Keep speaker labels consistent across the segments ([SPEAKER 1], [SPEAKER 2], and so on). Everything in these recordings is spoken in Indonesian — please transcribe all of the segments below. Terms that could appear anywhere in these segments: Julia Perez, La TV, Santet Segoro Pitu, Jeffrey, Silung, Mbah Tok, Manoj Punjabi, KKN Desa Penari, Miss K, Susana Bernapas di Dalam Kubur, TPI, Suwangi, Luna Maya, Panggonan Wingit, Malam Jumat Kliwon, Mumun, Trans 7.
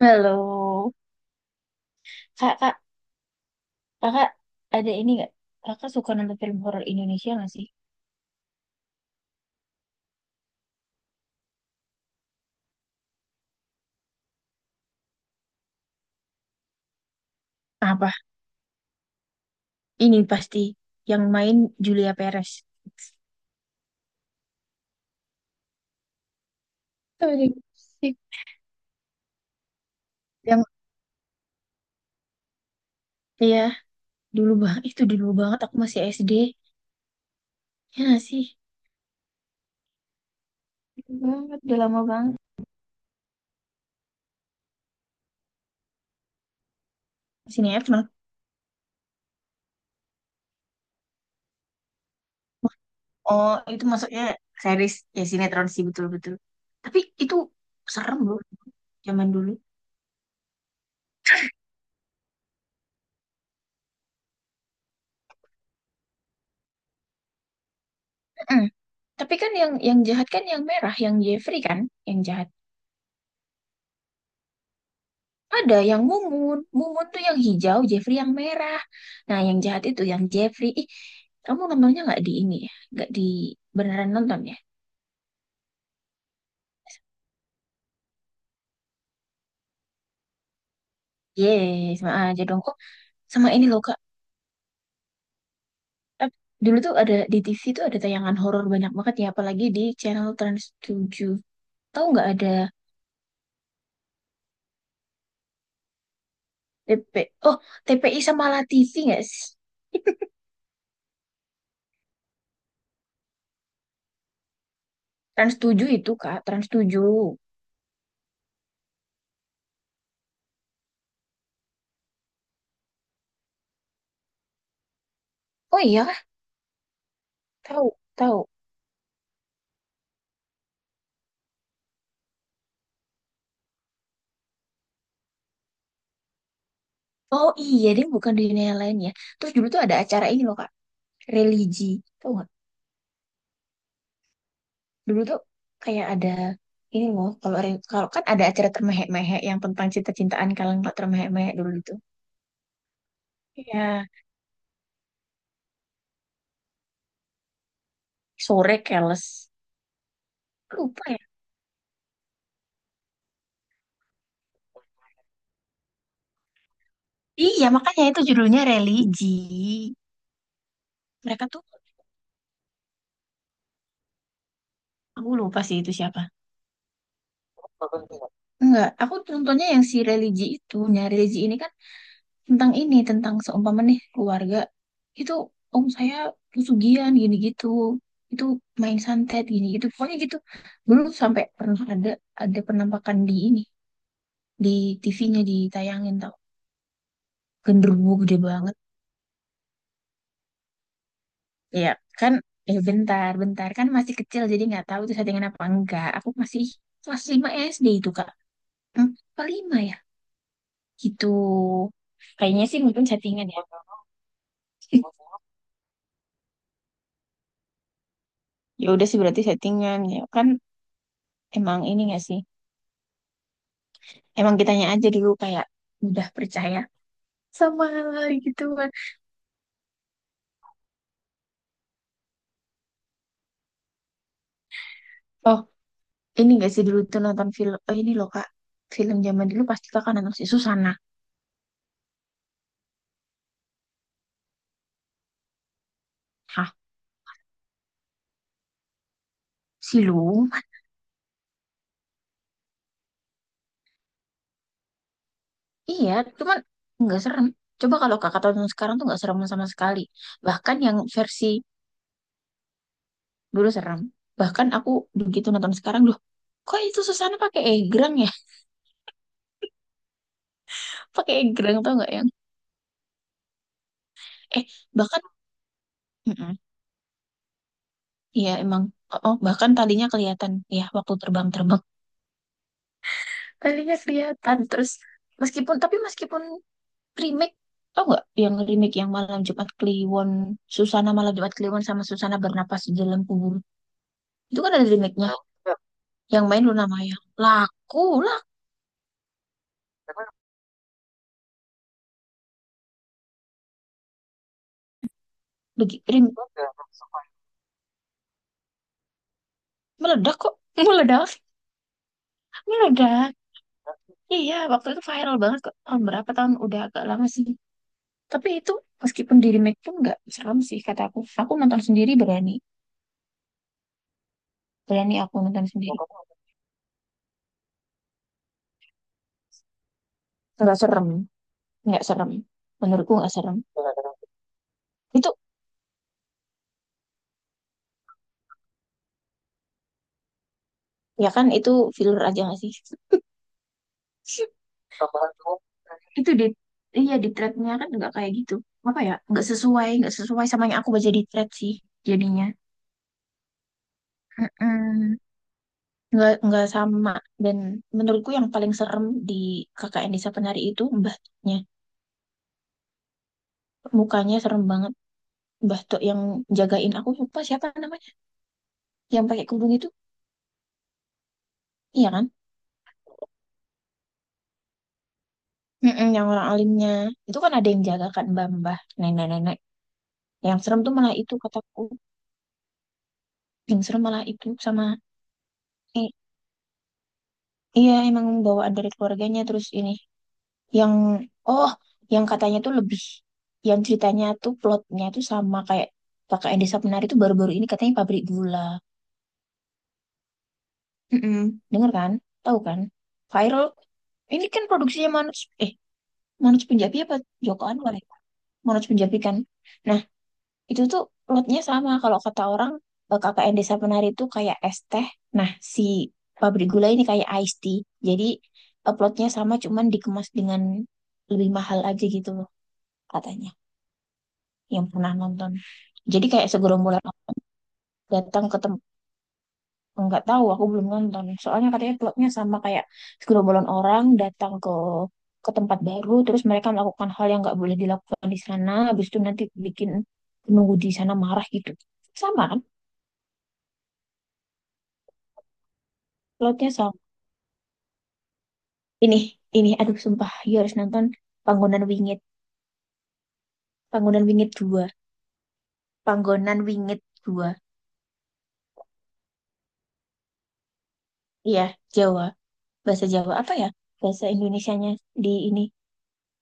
[SPEAKER 1] Halo, kak, kak, kakak ada ini nggak? Kakak suka nonton film horor Indonesia nggak sih? Apa? Ini pasti yang main Julia Perez. Sorry. Yang iya, dulu banget, itu dulu banget aku masih SD. Ya nggak sih? Gitu banget udah lama banget. Sinetron. Oh, itu masuknya series ya, sinetron sih betul-betul. Tapi itu serem loh zaman dulu. Mm-mm. Tapi kan yang jahat kan yang merah, yang Jeffrey kan, yang jahat. Ada yang mumun. Mumun tuh yang hijau, Jeffrey yang merah. Nah, yang jahat itu yang Jeffrey. Ih, kamu nontonnya nggak di ini ya? Nggak di beneran nonton ya? Yes, sama aja dong. Oh, sama ini loh, Kak. Ap- Dulu tuh ada di TV, tuh ada tayangan horor banyak banget ya, apalagi di channel Trans 7. Tahu nggak ada TP? Oh, TPI sama La TV nggak sih? Trans 7 itu, Kak. Trans 7. Oh iya, kah? Tahu, tahu. Oh iya, dia bukan di dunia lain ya. Terus dulu tuh ada acara ini loh, Kak. Religi, tau nggak? Dulu tuh kayak ada ini loh, kalau kalau kan ada acara termehek-mehek yang tentang cinta-cintaan. Kalian nggak termehek-mehek dulu itu ya? Sore keles, lupa ya. Iya, makanya itu judulnya religi. Mereka tuh, aku lupa sih itu siapa. Enggak, aku nontonnya yang si religi itu. Nah, religi ini kan tentang ini, tentang seumpama nih keluarga itu, om saya, pesugihan gini gitu, itu main santet gini gitu, pokoknya gitu. Dulu sampai pernah ada penampakan di ini, di TV-nya ditayangin, tau, genderuwo gede banget. Ya kan? Bentar, bentar, kan masih kecil jadi nggak tahu itu settingan apa enggak. Aku masih kelas 5 SD itu, kak. Hmm, apa 5 ya? Gitu, kayaknya sih mungkin settingan ya. Ya udah sih, berarti settingan ya kan? Emang ini nggak sih, emang kitanya aja dulu kayak udah percaya sama hal-hal gitu kan. Oh, ini gak sih dulu tuh nonton film, oh ini loh Kak, film zaman dulu pasti Kakak nonton si Susana. Hah, Silung? Iya, cuman nggak serem. Coba kalau Kakak tonton sekarang tuh nggak serem sama sekali. Bahkan yang versi dulu serem. Bahkan aku begitu nonton sekarang, loh, kok itu Susana pakai egrang ya? Pakai egrang tau nggak yang, eh bahkan, Mm-mm. Iya emang, oh, bahkan talinya kelihatan ya waktu terbang-terbang. Alinya kelihatan terus meskipun remake, tau nggak yang remake yang Malam Jumat Kliwon, Susana Malam Jumat Kliwon sama Susana Bernapas di Dalam Kubur? Itu kan ada remake-nya, yang main Luna Maya. Laku lah. Begitu remake, meledak kok. Meledak, meledak. Iya waktu itu viral banget kok, tahun berapa tahun, udah agak lama sih. Tapi itu meskipun di remake pun nggak serem sih, kata aku nonton sendiri berani. Berani aku nonton sendiri. Nggak serem, nggak serem, menurutku nggak serem itu. Ya kan itu filler aja nggak sih? Itu di, iya di threadnya kan nggak kayak gitu. Apa ya? Nggak sesuai sama yang aku baca di thread sih jadinya. Mm-mm. Nggak sama. Dan menurutku yang paling serem di KKN Desa Penari itu mbahnya. Mukanya serem banget. Mbah Tok yang jagain, aku lupa siapa namanya. Yang pakai kerudung itu, iya kan? Mm-mm, yang orang alimnya. Itu kan ada yang jaga kan, mbah-mbah, nenek-nenek. Yang serem tuh malah itu kataku. Yang serem malah itu sama, iya, emang bawaan dari keluarganya. Terus ini yang, oh, yang katanya tuh lebih, yang ceritanya tuh plotnya tuh sama kayak Kakak Edi Sapnari tuh, baru-baru ini katanya pabrik gula. Mm-mm. Dengar kan? Tahu kan? Viral. Ini kan produksinya Manoj, eh Manoj Punjabi apa Joko Anwar ya? Manoj Punjabi kan. Nah, itu tuh lotnya sama, kalau kata orang, K K N Desa Penari itu kayak es teh. Nah, si pabrik gula ini kayak iced tea. Jadi uploadnya sama, cuman dikemas dengan lebih mahal aja gitu loh, katanya yang pernah nonton. Jadi kayak segerombolan orang datang ke tempat, nggak tahu aku belum nonton. Soalnya katanya plotnya sama kayak segerombolan orang datang ke tempat baru, terus mereka melakukan hal yang nggak boleh dilakukan di sana, habis itu nanti bikin penunggu di sana marah gitu. Sama kan? Plotnya sama. Ini, ini, aduh sumpah, you harus nonton Panggonan Wingit. Panggonan Wingit dua, Panggonan Wingit dua. Iya, Jawa. Bahasa Jawa apa ya? Bahasa Indonesianya di ini.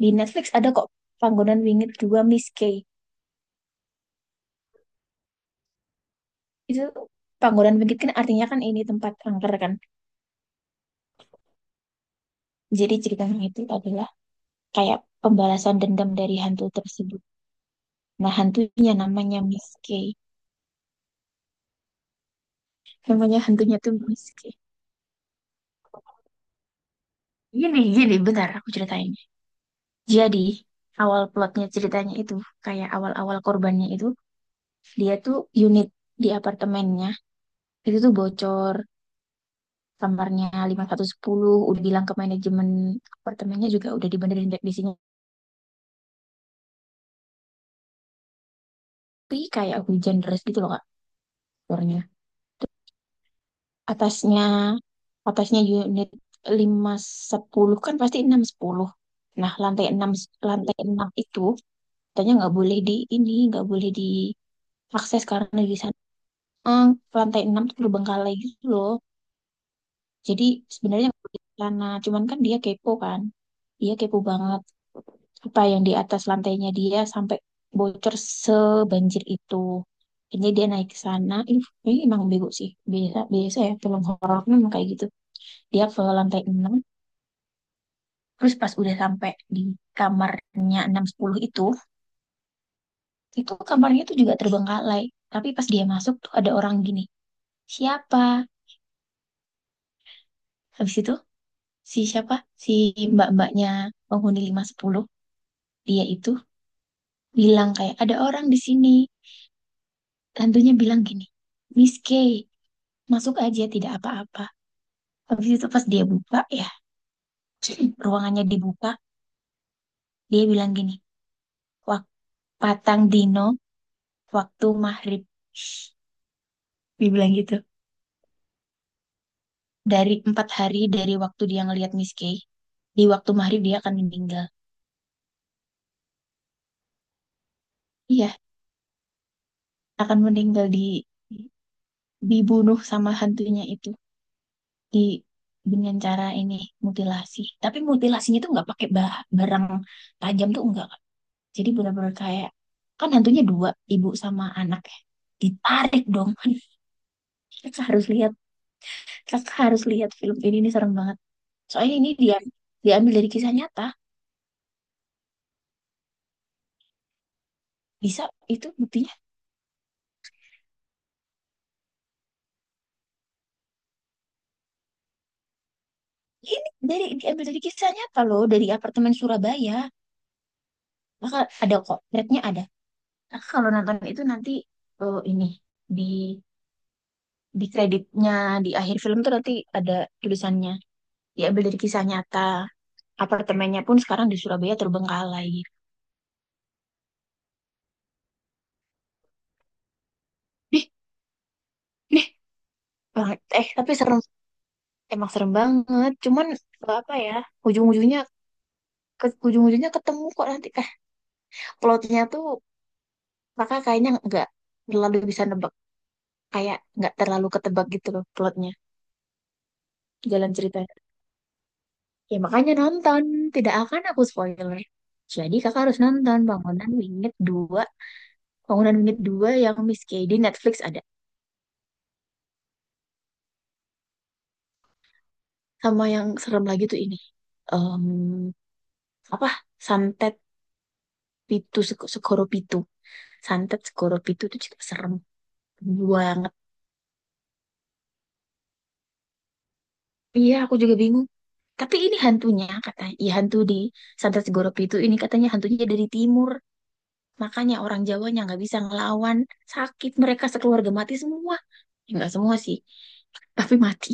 [SPEAKER 1] Di Netflix ada kok, Panggonan Wingit dua Miss K. Itu Panggonan Wingit kan artinya kan ini tempat angker kan. Jadi ceritanya itu adalah kayak pembalasan dendam dari hantu tersebut. Nah, hantunya namanya Miss K. Namanya hantunya tuh Miss K. Gini, gini bentar aku ceritain. Jadi, awal plotnya ceritanya itu, kayak awal-awal korbannya itu, dia tuh unit di apartemennya, itu tuh bocor, kamarnya lima satu sepuluh, udah bilang ke manajemen apartemennya juga, udah dibenerin dek di sini. Tapi kayak hujan deras gitu loh, Kak, keluarnya. Terus atasnya, atasnya unit lima sepuluh kan pasti enam sepuluh. Nah, lantai enam, lantai 6 itu, katanya nggak boleh di ini, nggak boleh diakses karena di, eh, lantai 6 tuh terbengkalai gitu loh. Jadi sebenarnya nggak boleh ke sana, cuman kan. Dia kepo banget apa yang di atas lantainya, dia sampai bocor sebanjir itu. Jadi dia naik ke sana, ih, ini emang bego sih. Biasa, biasa ya, film horor tuh memang kayak gitu. Dia ke lantai enam, terus pas udah sampai di kamarnya enam sepuluh itu kamarnya tuh juga terbengkalai. Tapi pas dia masuk tuh ada orang gini, siapa? Habis itu si siapa si mbak-mbaknya penghuni lima sepuluh, dia itu bilang kayak ada orang di sini. Hantunya bilang gini, Miss K, masuk aja tidak apa-apa. Habis itu pas dia buka ya, ruangannya dibuka, dia bilang gini, wak patang dino waktu maghrib, dia bilang gitu. Dari empat hari dari waktu dia ngelihat Miss K, di waktu maghrib dia akan meninggal. Iya, akan meninggal di, dibunuh sama hantunya itu, di, dengan cara ini, mutilasi. Tapi mutilasinya tuh nggak pakai barang tajam, tuh enggak. Jadi benar-benar kayak, kan hantunya dua, ibu sama anak ya, ditarik dong. Kakak harus lihat, kakak harus lihat film ini nih, serem banget. Soalnya ini dia diambil dari kisah nyata. Bisa, itu buktinya. Ini dari, diambil dari kisah nyata loh, dari apartemen Surabaya. Maka ada kok threadnya, ada. Kakak kalau nonton itu nanti, ini di di kreditnya, di akhir film tuh nanti ada tulisannya, diambil dari kisah nyata. Apartemennya pun sekarang di Surabaya terbengkalai. Ih, ih, banget. Tapi serem, emang serem banget, cuman apa ya, ujung-ujungnya, ke ujung-ujungnya ketemu kok nanti. Plotnya tuh, kakak kayaknya nggak terlalu bisa nebak, kayak nggak terlalu ketebak gitu loh plotnya, jalan ceritanya. Ya makanya nonton, tidak akan aku spoiler. Jadi kakak harus nonton Bangunan Wingit dua. Bangunan Unit dua yang Miss Kay di Netflix ada. Sama yang serem lagi tuh ini. Em, apa? Santet Pitu, Segoro Pitu. Santet Segoro Pitu itu juga serem banget. Iya, aku juga bingung. Tapi ini hantunya katanya, iya hantu di Santet Segoro Pitu ini katanya hantunya dari timur. Makanya orang Jawanya nggak bisa ngelawan. Sakit, mereka sekeluarga mati semua. Ya, nggak semua sih, tapi mati.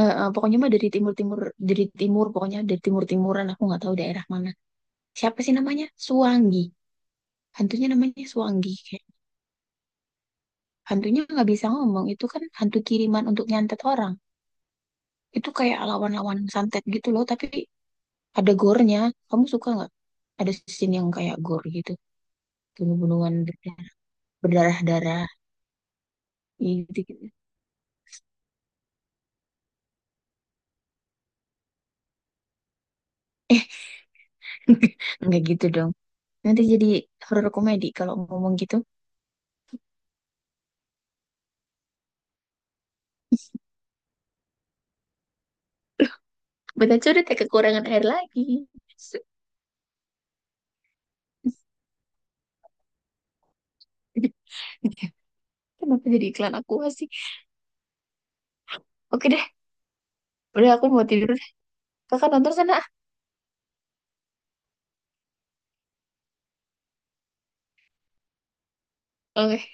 [SPEAKER 1] Eh, eh, pokoknya mah dari timur-timur, dari timur, pokoknya dari timur-timuran. Aku nggak tahu daerah mana. Siapa sih namanya? Suwangi. Hantunya namanya Suwangi. Kayak hantunya nggak bisa ngomong. Itu kan hantu kiriman untuk nyantet orang. Itu kayak lawan-lawan santet gitu loh. Tapi ada gore-nya. Kamu suka nggak? Ada scene yang kayak gore gitu. Bunuh-bunuhan berdarah-, berdarah-darah. Gitu, gitu. Eh, nggak gitu dong. Nanti jadi horor komedi kalau ngomong gitu. Betul sudah tak kekurangan air lagi. Kenapa jadi iklan aku sih? Oke deh. Udah aku mau tidur deh. Kakak nonton sana. Okay,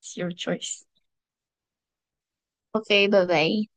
[SPEAKER 1] it's your choice. Okay, bye bye.